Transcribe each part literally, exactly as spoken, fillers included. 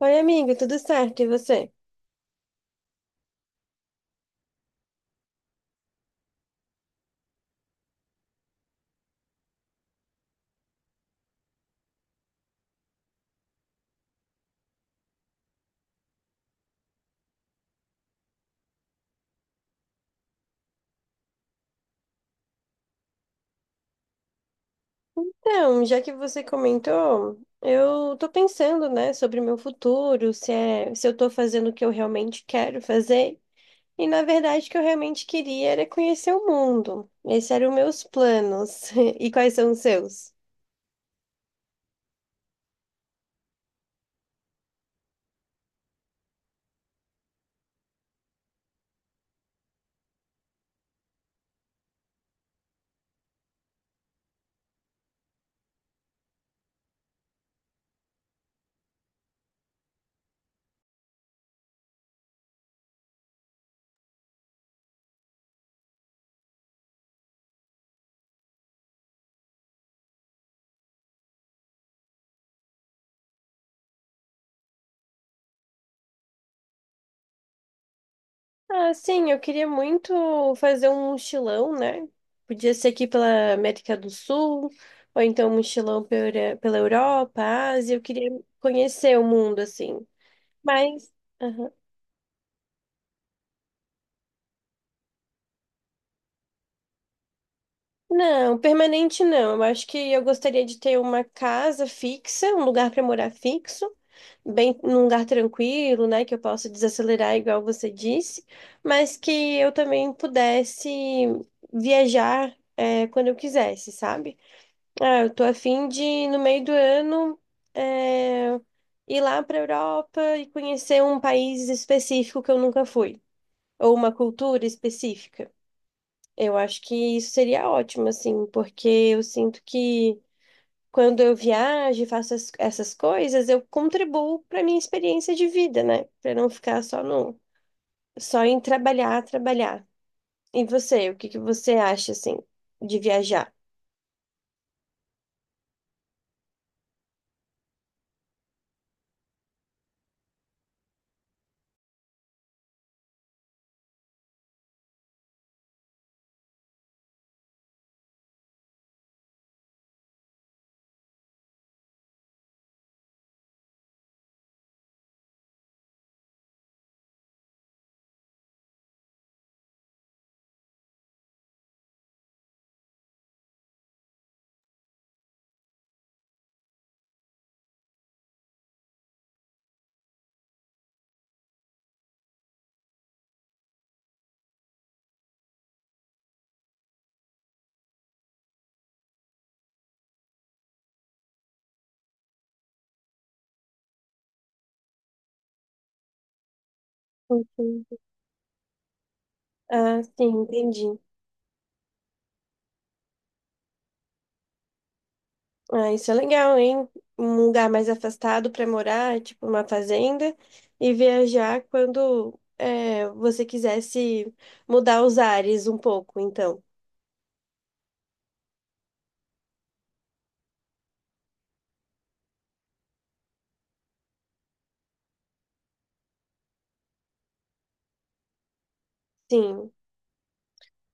Oi, amiga, tudo certo? E você? Então, já que você comentou, eu tô pensando, né, sobre o meu futuro, se é, se eu tô fazendo o que eu realmente quero fazer. E na verdade, o que eu realmente queria era conhecer o mundo. Esses eram meus planos. E quais são os seus? Ah, sim, eu queria muito fazer um mochilão, né? Podia ser aqui pela América do Sul, ou então um mochilão pela pela Europa, Ásia. Eu queria conhecer o mundo, assim. Mas. Não, permanente não. Eu acho que eu gostaria de ter uma casa fixa, um lugar para morar fixo, bem num lugar tranquilo, né, que eu possa desacelerar igual você disse, mas que eu também pudesse viajar é, quando eu quisesse, sabe? Ah, eu tô a fim de no meio do ano é, ir lá para Europa e conhecer um país específico que eu nunca fui, ou uma cultura específica. Eu acho que isso seria ótimo, assim, porque eu sinto que quando eu viajo e faço as- essas coisas, eu contribuo para minha experiência de vida, né? Para não ficar só no, só em trabalhar, trabalhar. E você, o que que você acha, assim, de viajar? Uhum. Ah, sim, entendi. Ah, isso é legal, hein? Um lugar mais afastado para morar, tipo uma fazenda, e viajar quando é, você quisesse mudar os ares um pouco, então. Sim.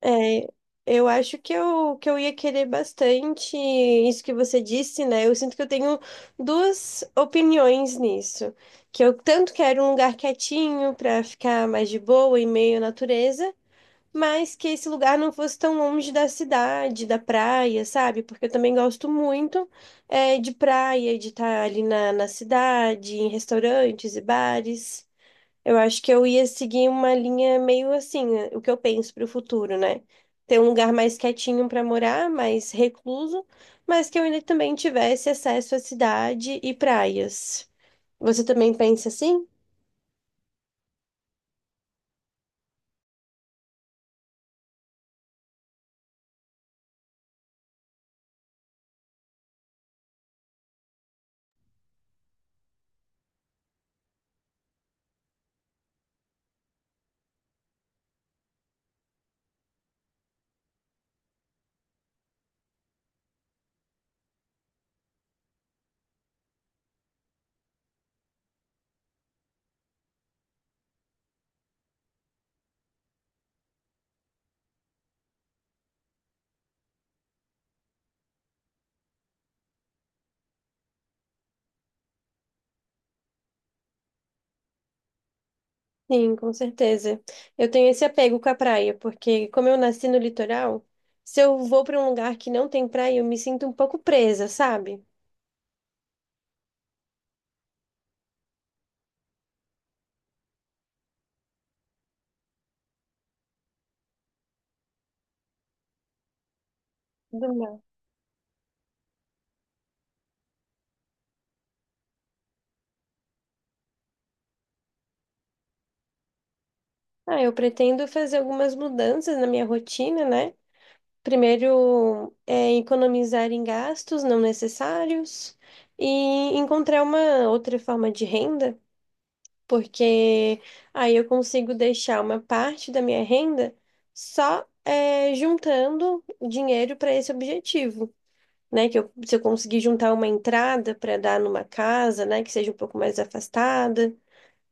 É, eu acho que eu, que eu ia querer bastante isso que você disse, né? Eu sinto que eu tenho duas opiniões nisso. Que eu tanto quero um lugar quietinho para ficar mais de boa, em meio à natureza, mas que esse lugar não fosse tão longe da cidade, da praia, sabe? Porque eu também gosto muito é, de praia, de estar ali na, na cidade, em restaurantes e bares. Eu acho que eu ia seguir uma linha meio assim, eh, o que eu penso para o futuro, né? Ter um lugar mais quietinho para morar, mais recluso, mas que eu ainda também tivesse acesso à cidade e praias. Você também pensa assim? Sim, com certeza. Eu tenho esse apego com a praia, porque como eu nasci no litoral, se eu vou para um lugar que não tem praia, eu me sinto um pouco presa, sabe? Do mar. Ah, eu pretendo fazer algumas mudanças na minha rotina, né? Primeiro, é, economizar em gastos não necessários e encontrar uma outra forma de renda, porque aí eu consigo deixar uma parte da minha renda só, é, juntando dinheiro para esse objetivo. Né? Que eu, se eu conseguir juntar uma entrada para dar numa casa, né? Que seja um pouco mais afastada.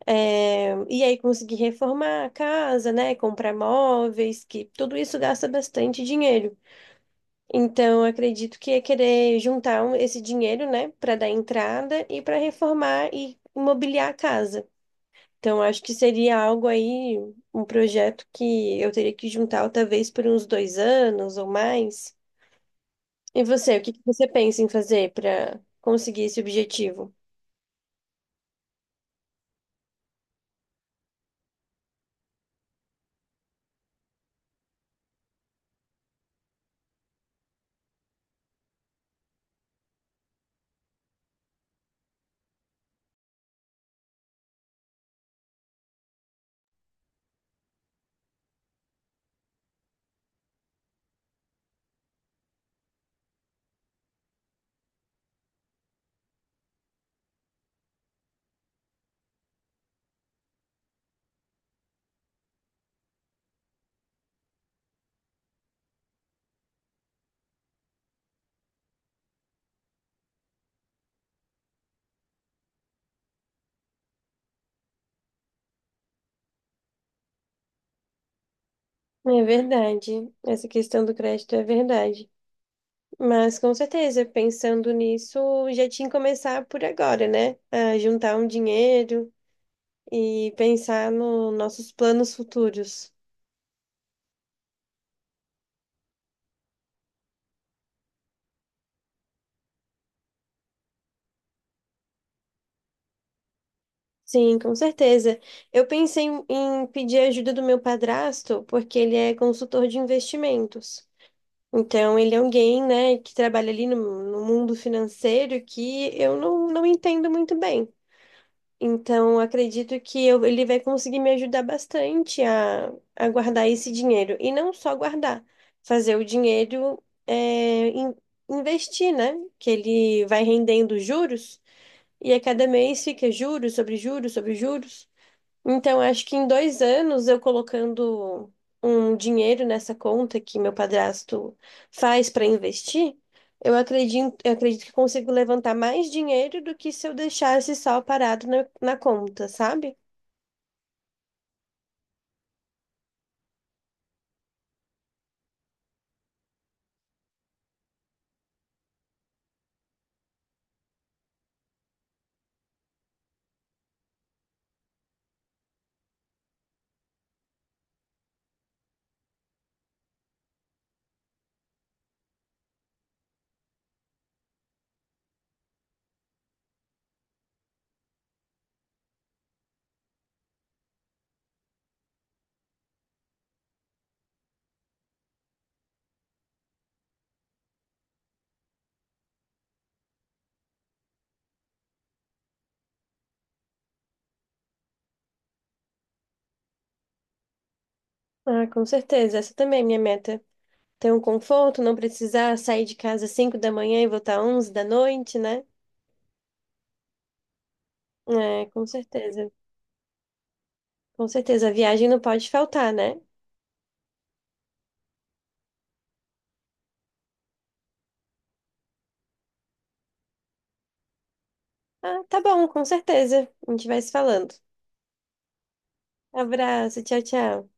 é, E aí conseguir reformar a casa, né? Comprar móveis, que tudo isso gasta bastante dinheiro. Então, eu acredito que é querer juntar um- esse dinheiro, né? Para dar entrada e para reformar e mobiliar a casa. Então, eu acho que seria algo aí, um projeto que eu teria que juntar talvez por uns dois anos ou mais. E você, o que que você pensa em fazer para conseguir esse objetivo? É verdade, essa questão do crédito é verdade. Mas com certeza, pensando nisso, já tinha que começar por agora, né? A juntar um dinheiro e pensar nos nossos planos futuros. Sim, com certeza. Eu pensei em em pedir ajuda do meu padrasto, porque ele é consultor de investimentos. Então, ele é alguém, né, que trabalha ali no, no mundo financeiro que eu não, não entendo muito bem. Então, acredito que eu- ele vai conseguir me ajudar bastante a, a guardar esse dinheiro. E não só guardar, fazer o dinheiro é, in- investir, né? Que ele vai rendendo juros e a cada mês fica juros sobre juros sobre juros. Então, acho que em dois anos eu colocando um dinheiro nessa conta que meu padrasto faz para investir, eu acredito, eu acredito que consigo levantar mais dinheiro do que se eu deixasse só parado na, na conta, sabe? Ah, com certeza. Essa também é minha meta. Ter um conforto, não precisar sair de casa às cinco da manhã e voltar às onze da noite, né? É, com certeza. Com certeza. A viagem não pode faltar, né? Ah, tá bom, com certeza. A gente vai se falando. Abraço, tchau, tchau.